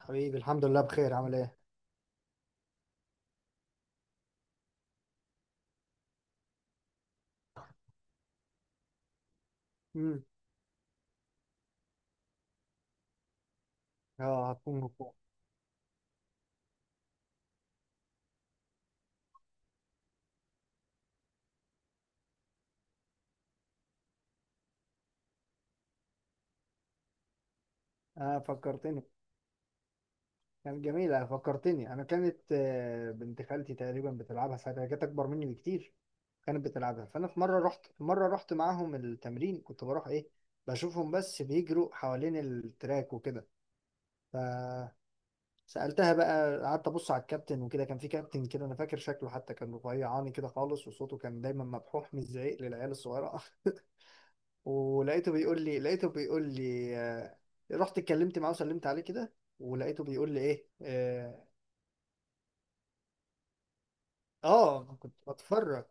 حبيبي، الحمد لله بخير. عامل ايه؟ امم اه، هتكون مبسوط. اه، فكرتني. كانت جميله، فكرتني، انا كانت بنت خالتي تقريبا بتلعبها ساعتها، هي كانت اكبر مني بكتير. كانت بتلعبها، فانا في مره رحت معاهم التمرين. كنت بروح ايه، بشوفهم بس بيجروا حوالين التراك وكده. فسالتها بقى، قعدت ابص على الكابتن وكده. كان في كابتن كده، انا فاكر شكله حتى كان رفيعاني كده خالص، وصوته كان دايما مبحوح، مش زعيق للعيال الصغيره. ولقيته بيقول لي لقيته بيقول لي آه، رحت اتكلمت معاه وسلمت عليه كده، ولقيته بيقول لي ايه. اه، كنت بتفرج.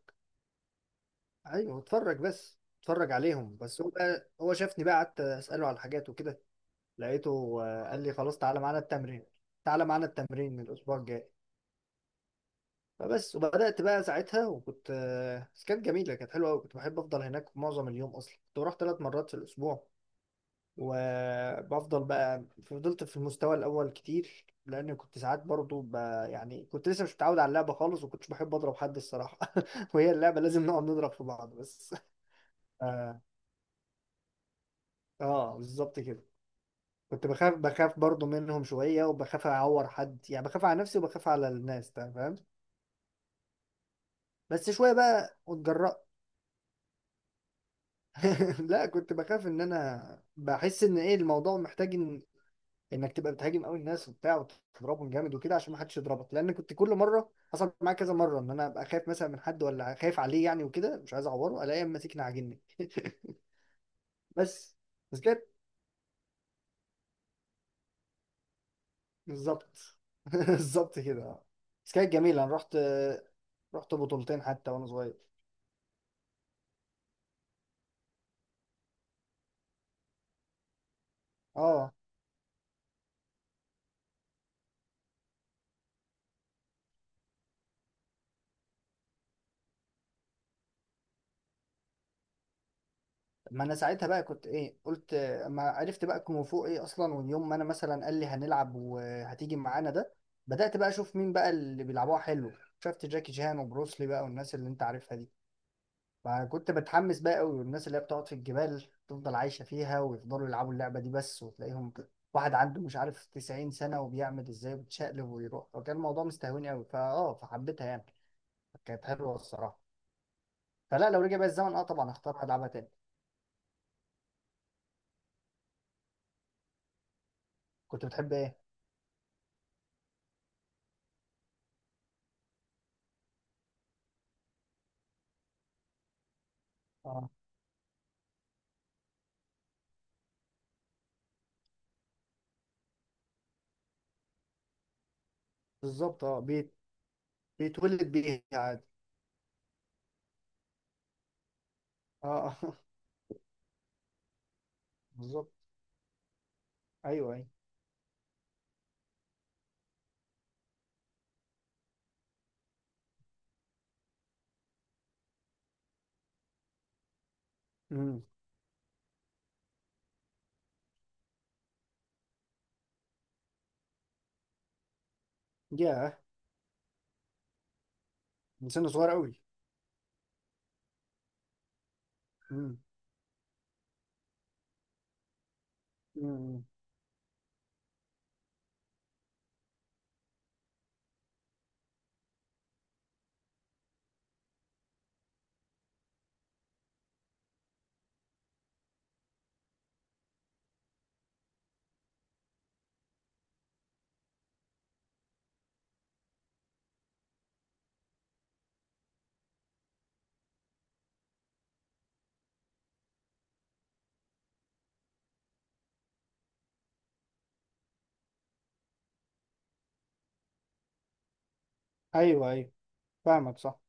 ايوه، بتفرج، بس بتفرج عليهم بس. هو بقى، هو شافني بقى، قعدت اساله على الحاجات وكده. لقيته قال لي خلاص، تعالى معانا التمرين. الاسبوع الجاي. فبس، وبدات بقى ساعتها. وكنت آه، بس كانت جميله، كانت حلوه قوي، كنت بحب افضل هناك معظم اليوم. اصلا كنت بروح ثلاث مرات في الاسبوع، وبفضل بقى فضلت في المستوى الاول كتير، لان كنت ساعات برضو يعني كنت لسه مش متعود على اللعبه خالص، وكنتش بحب اضرب حد الصراحه. وهي اللعبه لازم نقعد نضرب في بعض بس. اه، بالظبط كده. كنت بخاف برضو منهم شويه، وبخاف اعور حد. يعني بخاف على نفسي وبخاف على الناس، فاهم. بس شويه بقى واتجرأت. لا، كنت بخاف ان انا بحس ان ايه، الموضوع محتاج انك تبقى بتهاجم قوي الناس وبتاع، وتضربهم جامد وكده، عشان ما حدش يضربك. لان كنت كل مره، حصل معايا كذا مره، ان انا ابقى خايف مثلا من حد ولا خايف عليه يعني وكده، مش عايز اعوره، الاقيه ماسكني عاجنني. بس بس كانت، بالظبط. بالظبط كده. بس كانت جميله، انا رحت بطولتين حتى وانا صغير. اه، ما انا ساعتها بقى كنت ايه، قلت ما عرفت بقى كونغ فو ايه اصلا. واليوم ما انا مثلا قال لي هنلعب وهتيجي معانا ده، بدأت بقى اشوف مين بقى اللي بيلعبوها حلو. شفت جاكي شان وبروسلي بقى، والناس اللي انت عارفها دي. فكنت بتحمس بقى قوي، والناس اللي هي بتقعد في الجبال، تفضل عايشة فيها ويفضلوا يلعبوا اللعبة دي بس، وتلاقيهم واحد عنده مش عارف 90 سنة وبيعمل ازاي وبيتشقلب ويروح. فكان الموضوع مستهوني قوي، فاه، فحبيتها يعني. كانت حلوة الصراحة. فلا، لو رجع بقى الزمن، اه طبعا اختار العبها تاني. كنت بتحب ايه؟ بالظبط، اه، بيتولد بيها عادي. اه، بالظبط. ايوه ايوه. امم ياه، من سن صغير قوي. امم امم ايوه ايوه، فاهمك، صح.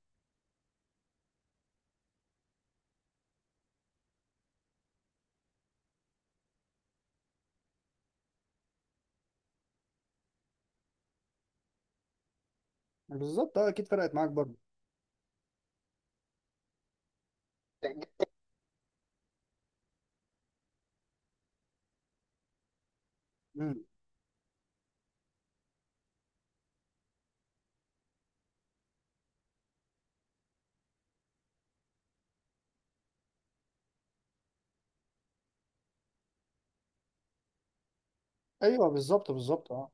بالظبط، اه، اكيد فرقت معاك برضه. امم ايوه بالظبط، بالظبط، اه.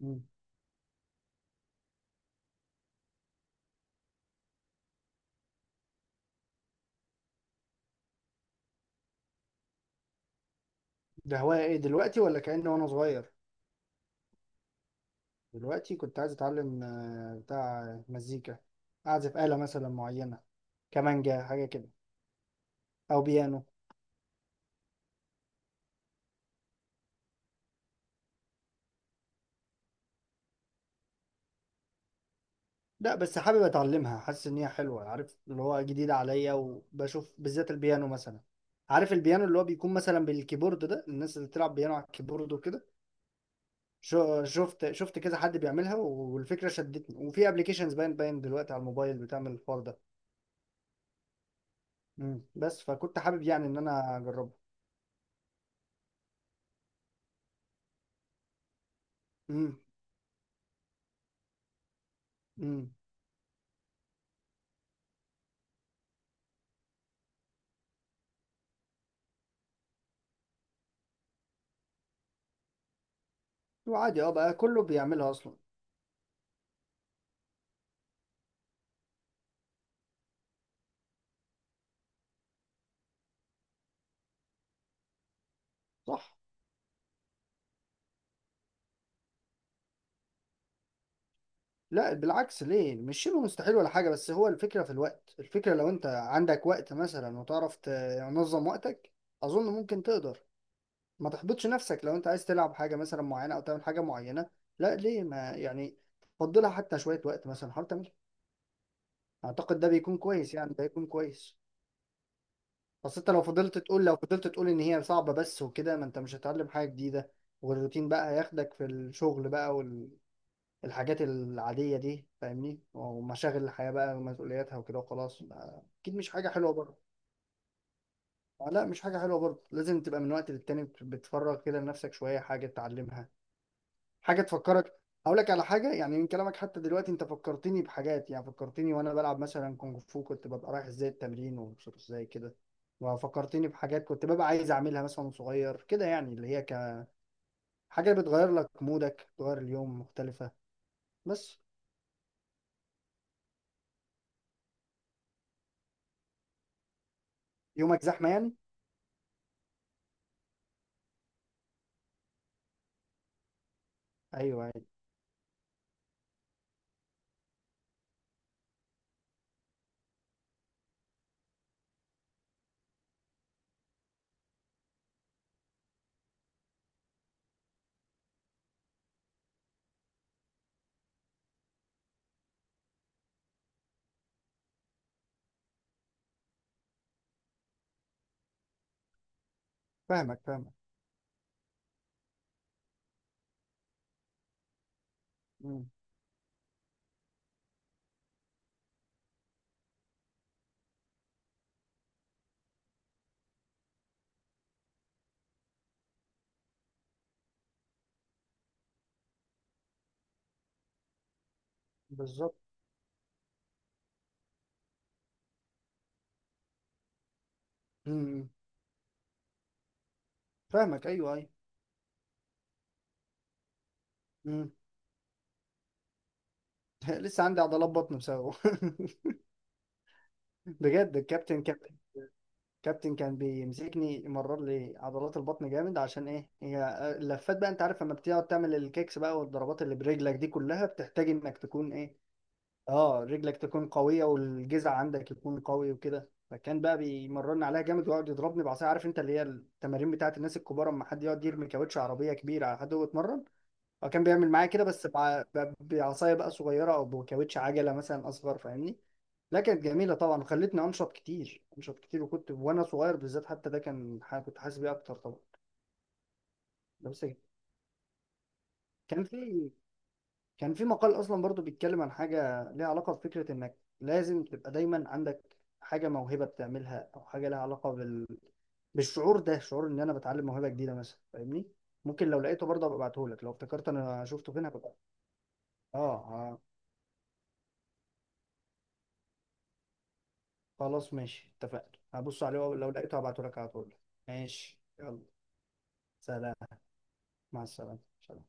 مم. ده هواية ايه دلوقتي؟ ولا كأني وانا صغير؟ دلوقتي كنت عايز اتعلم بتاع مزيكا، اعزف آلة مثلا معينة، كمانجا حاجة كده، او بيانو. لا، بس حابب اتعلمها، حاسس ان هي حلوه، عارف، اللي هو جديده عليا. وبشوف بالذات البيانو مثلا، عارف البيانو اللي هو بيكون مثلا بالكيبورد ده، الناس اللي بتلعب بيانو على الكيبورد وكده. شفت كذا حد بيعملها، والفكره شدتني. وفي ابلكيشنز باين دلوقتي على الموبايل بتعمل الحوار ده. مم. بس فكنت حابب يعني ان انا اجربه. امم امم وعادي، اه بقى، كله بيعملها اصلا. صح. لا، بالعكس، ليه؟ مش شبه مستحيل ولا حاجة. بس هو الفكرة في الوقت، الفكرة لو انت عندك وقت مثلا، وتعرف تنظم وقتك، اظن ممكن تقدر. ما تحبطش نفسك لو انت عايز تلعب حاجة مثلا معينة او تعمل حاجة معينة. لا ليه، ما يعني، فضلها حتى شوية وقت، مثلا حاول تعمل. اعتقد ده بيكون كويس يعني، ده يكون كويس. بس انت لو فضلت تقول، لو فضلت تقول ان هي صعبة بس وكده، ما انت مش هتتعلم حاجة جديدة. والروتين بقى هياخدك في الشغل بقى، الحاجات العادية دي فاهمني، ومشاغل الحياة بقى ومسؤولياتها وكده، وخلاص. أكيد مش حاجة حلوة برضه. لا مش حاجة حلوة برضه، لازم تبقى من وقت للتاني بتفرغ كده لنفسك شوية، حاجة تتعلمها، حاجة تفكرك. هقول لك على حاجة، يعني من كلامك حتى دلوقتي أنت فكرتني بحاجات، يعني فكرتني وأنا بلعب مثلا كونغ فو، كنت ببقى رايح إزاي التمرين ومبسوط إزاي كده. وفكرتني بحاجات كنت ببقى عايز أعملها مثلا وأنا صغير كده، يعني اللي هي كحاجة بتغير لك مودك، تغير اليوم مختلفة. بس يومك زحمة يعني. أيوه أيوه. فاهمك، فاهمك. مم. بالظبط. مم. فاهمك، ايوه ايوه. مم. لسه عندي عضلات بطن بسببه. بجد، الكابتن، كابتن كان بيمسكني يمرر لي عضلات البطن جامد، عشان ايه، هي اللفات بقى، انت عارف لما بتقعد تعمل الكيكس بقى والضربات اللي برجلك دي، كلها بتحتاج انك تكون ايه، اه، رجلك تكون قوية والجذع عندك يكون قوي وكده. فكان بقى بيمررني عليها جامد ويقعد يضربني بعصايه، عارف انت اللي هي التمارين بتاعت الناس الكبار، اما حد يقعد يرمي كاوتش عربية كبيرة على حد وهو يتمرن. هو كان بيعمل معايا كده، بس بعصايه بقى صغيره، او بكاوتش عجله مثلا اصغر، فاهمني. لا، كانت جميله طبعا، وخلتني انشط كتير، انشط كتير. وكنت وانا صغير بالذات حتى ده كان كنت حاسس بيه اكتر طبعا. ده بس. كان في كان في مقال اصلا برضو بيتكلم عن حاجه ليها علاقه بفكره انك لازم تبقى دايما عندك حاجه، موهبه بتعملها، او حاجه ليها علاقه بالشعور ده، شعور ان انا بتعلم موهبه جديده مثلا، فاهمني. ممكن لو لقيته برضه ابقى ابعته لك، لو افتكرت انا شفته فين هبقى. اه، آه. خلاص ماشي، اتفقنا، هبص عليه لو لقيته هبعته لك على طول. ماشي، يلا. سلام، مع السلامة. سلام.